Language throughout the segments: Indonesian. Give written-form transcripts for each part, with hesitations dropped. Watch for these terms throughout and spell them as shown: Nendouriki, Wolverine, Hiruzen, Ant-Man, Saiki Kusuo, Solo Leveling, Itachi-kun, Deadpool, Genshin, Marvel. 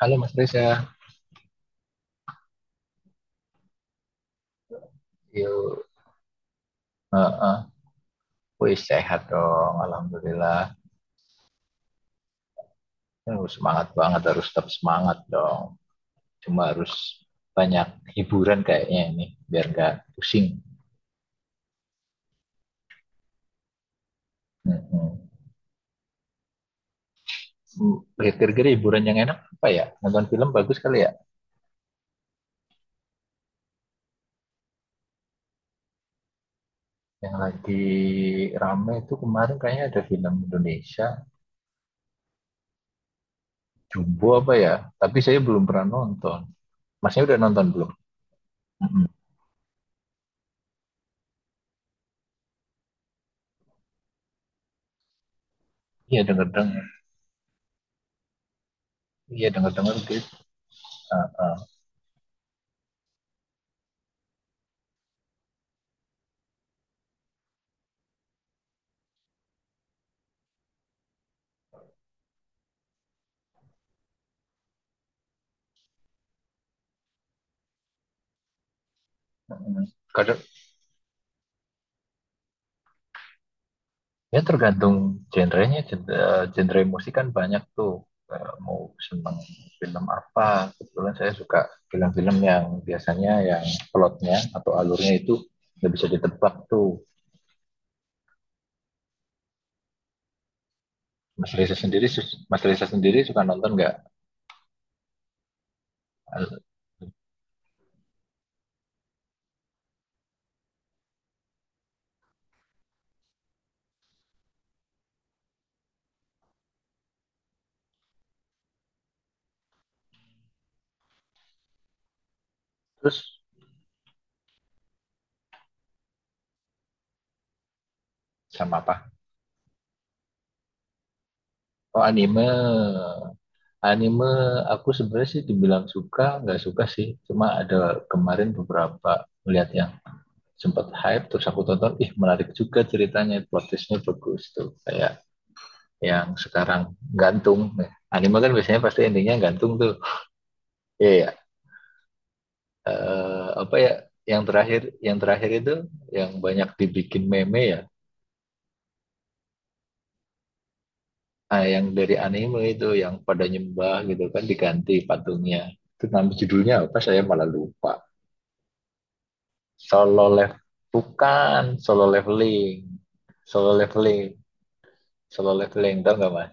Halo Mas Reza, yuk. Heeh. Wih, sehat dong, Alhamdulillah. Aduh, semangat banget, harus tetap semangat dong. Cuma harus banyak hiburan kayaknya ini, biar nggak pusing. Heeh. Hmm, Kira-kira hiburan yang enak apa ya? Nonton film bagus kali ya? Yang lagi rame itu kemarin kayaknya ada film Indonesia, Jumbo apa ya? Tapi saya belum pernah nonton. Masnya udah nonton belum? Mm-mm. Iya denger-dengar. Iya denger-dengar gitu. Heeh. Mm-mm. Kadang ya tergantung genrenya, genre musik kan banyak tuh. Mau seneng film apa? Kebetulan saya suka film-film yang biasanya yang plotnya atau alurnya itu nggak bisa ditebak tuh. Mas Reza sendiri, Mas Reza sendiri suka nonton nggak? Al- Terus sama apa? Oh anime, anime aku sebenarnya sih dibilang suka nggak suka sih. Cuma ada kemarin beberapa melihat yang sempat hype terus aku tonton ih menarik juga ceritanya plot twistnya bagus tuh kayak yang sekarang gantung. Nah, anime kan biasanya pasti endingnya gantung tuh iya ya, apa ya, yang terakhir, yang terakhir itu yang banyak dibikin meme ya, ah, yang dari anime itu yang pada nyembah gitu kan diganti patungnya, itu nama judulnya apa saya malah lupa. Solo level, bukan solo leveling, solo leveling, solo leveling tau nggak mas.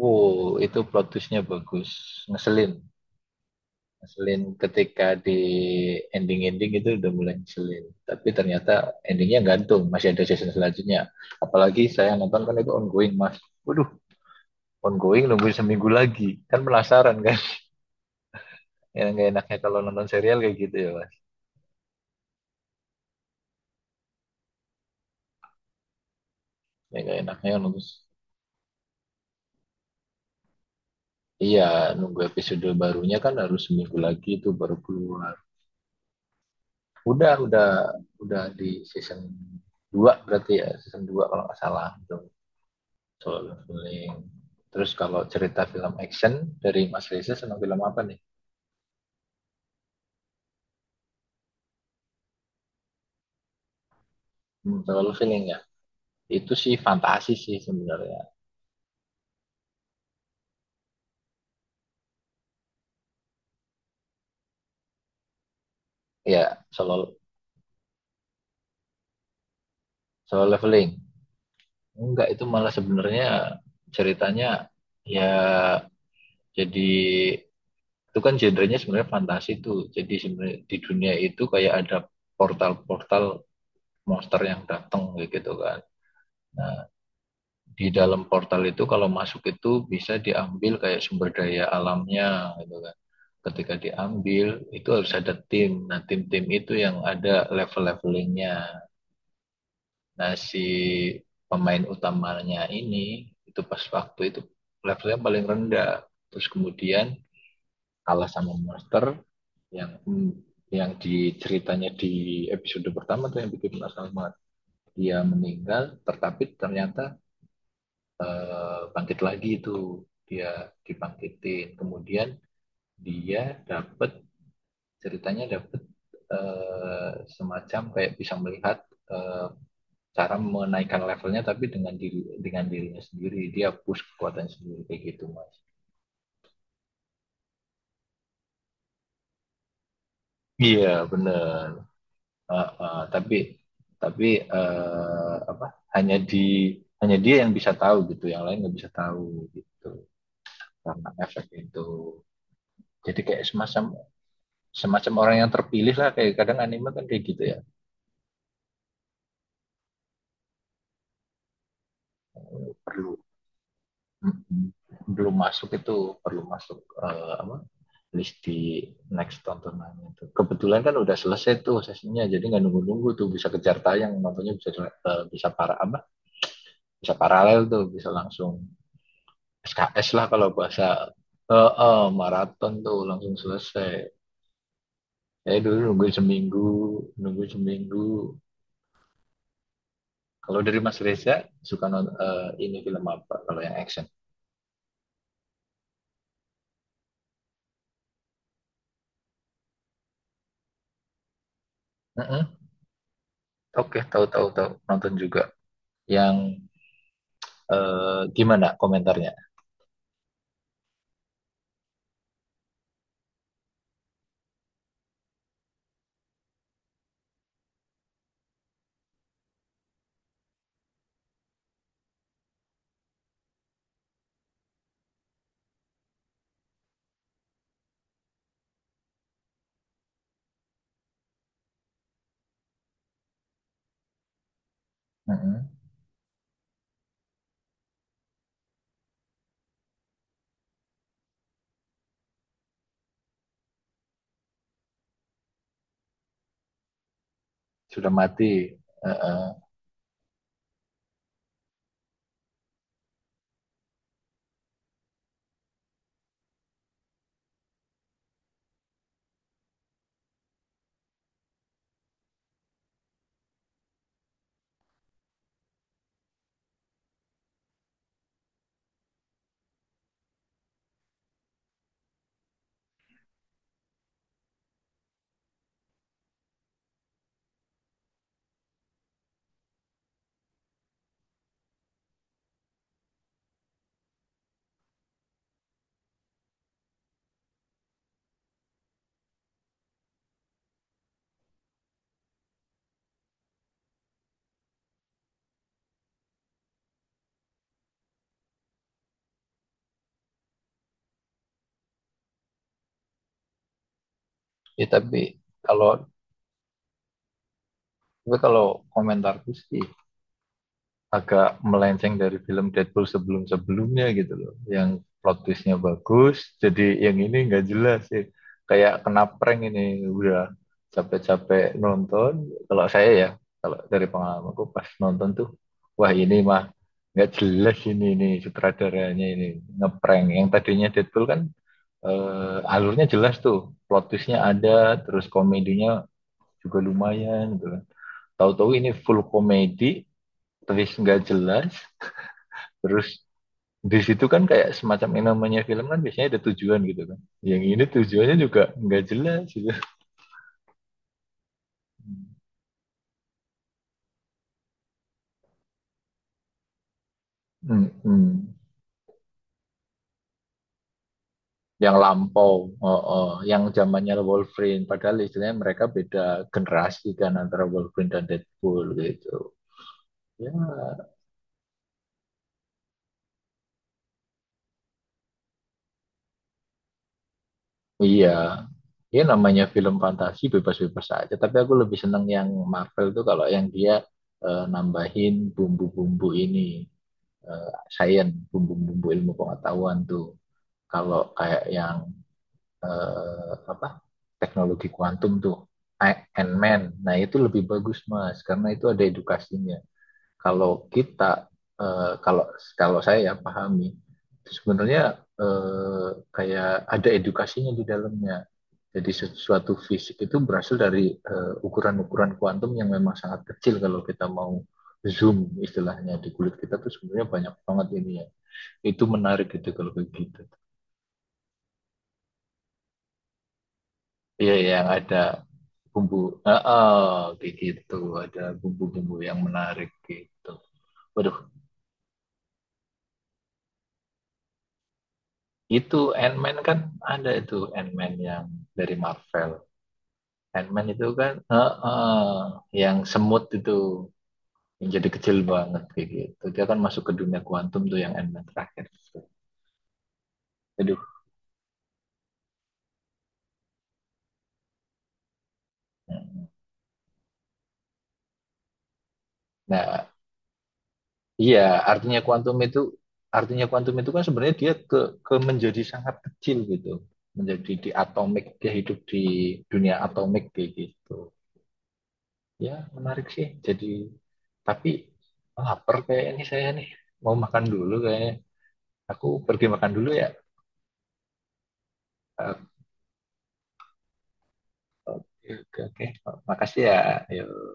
Wow, itu plot twistnya bagus, ngeselin, ngeselin ketika di ending-ending itu udah mulai ngeselin. Tapi ternyata endingnya gantung, masih ada season selanjutnya. Apalagi saya nonton kan itu ongoing, Mas. Waduh, ongoing nungguin seminggu lagi, kan penasaran kan? Yang gak enaknya kalau nonton serial kayak gitu ya, Mas. Yang gak enaknya nunggu, iya nunggu episode barunya kan harus seminggu lagi itu baru keluar. Udah, udah, udah di season dua berarti ya, season dua kalau nggak salah. Gitu. Feeling. Terus kalau cerita film action dari Mas Reza senang film apa nih? Hmm, solo leveling ya. Itu sih fantasi sih sebenarnya. Ya, solo solo leveling. Enggak, itu malah sebenarnya ceritanya ya jadi itu kan genrenya sebenarnya fantasi tuh. Jadi sebenarnya di dunia itu kayak ada portal-portal monster yang datang gitu kan. Nah, di dalam portal itu kalau masuk itu bisa diambil kayak sumber daya alamnya gitu kan, ketika diambil itu harus ada tim. Nah, tim-tim itu yang ada level-levelingnya. Nah, si pemain utamanya ini itu pas waktu itu levelnya paling rendah. Terus kemudian kalah sama monster yang yang diceritanya di episode pertama tuh yang bikin penasaran banget. Dia meninggal, tetapi ternyata bangkit lagi, itu dia dibangkitin. Kemudian dia dapat, ceritanya dapat semacam kayak bisa melihat eh, cara menaikkan levelnya tapi dengan diri dengan dirinya sendiri dia push kekuatan sendiri kayak gitu mas. Iya benar. Ah, ah, tapi tapi apa, hanya di hanya dia yang bisa tahu gitu, yang lain nggak bisa tahu gitu karena efek itu, jadi kayak semacam, semacam orang yang terpilih lah, kayak kadang anime kan kayak gitu ya. Perlu, mm-hmm, belum masuk itu, perlu masuk apa, list di next tontonan itu. Kebetulan kan udah selesai tuh sesinya, jadi nggak nunggu-nunggu tuh bisa kejar tayang nontonnya bisa bisa para apa bisa paralel tuh bisa langsung SKS lah kalau bahasa maraton tuh langsung selesai. Eh dulu nunggu seminggu, nunggu seminggu. Kalau dari Mas Reza suka nonton ini film apa kalau yang action? Mm-mm. Oke, tahu tahu tahu nonton juga yang gimana komentarnya? Mm-mm. Sudah mati. Heeh. Ya tapi kalau, tapi kalau komentarku sih agak melenceng dari film Deadpool sebelum-sebelumnya gitu loh. Yang plot twistnya bagus, jadi yang ini nggak jelas sih. Kayak kena prank ini, udah capek-capek nonton. Kalau saya ya, kalau dari pengalamanku pas nonton tuh, wah ini mah nggak jelas ini sutradaranya ini ngeprank. Yang tadinya Deadpool kan alurnya jelas tuh, plot twistnya ada, terus komedinya juga lumayan gitu kan. Tahu-tahu ini full komedi, twist nggak jelas, terus di situ kan kayak semacam, yang namanya film kan biasanya ada tujuan gitu kan. Yang ini tujuannya juga nggak jelas gitu. Hmm, hmm. Yang lampau, oh, oh. Yang zamannya Wolverine, padahal istilahnya mereka beda generasi kan antara Wolverine dan Deadpool gitu. Ya, iya, ya namanya film fantasi bebas-bebas aja. Tapi aku lebih seneng yang Marvel tuh kalau yang dia nambahin bumbu-bumbu ini, eh science, bumbu-bumbu ilmu pengetahuan tuh. Kalau kayak yang apa, teknologi kuantum tuh, Ant-Man. Nah itu lebih bagus Mas, karena itu ada edukasinya. Kalau kita, eh, kalau kalau saya ya pahami, sebenarnya eh, kayak ada edukasinya di dalamnya, jadi sesuatu fisik itu berasal dari ukuran-ukuran kuantum yang memang sangat kecil, kalau kita mau zoom istilahnya di kulit kita tuh sebenarnya banyak banget ini ya. Itu menarik gitu kalau begitu. Iya yang ada bumbu, kayak gitu, ada bumbu-bumbu yang menarik gitu. Waduh, itu Ant-Man kan ada, itu Ant-Man yang dari Marvel. Ant-Man itu kan yang semut itu, yang jadi kecil banget kayak gitu. Dia kan masuk ke dunia kuantum tuh yang elemen terakhir. Aduh. Nah, iya, artinya kuantum itu, artinya kuantum itu kan sebenarnya dia ke menjadi sangat kecil gitu. Menjadi di atomik, dia hidup di dunia atomik kayak gitu. Ya, menarik sih. Jadi tapi lapar kayak ini saya nih. Mau makan dulu kayaknya. Aku pergi makan dulu ya. Eh, Oke, oke, oke. Makasih ya. Yuk.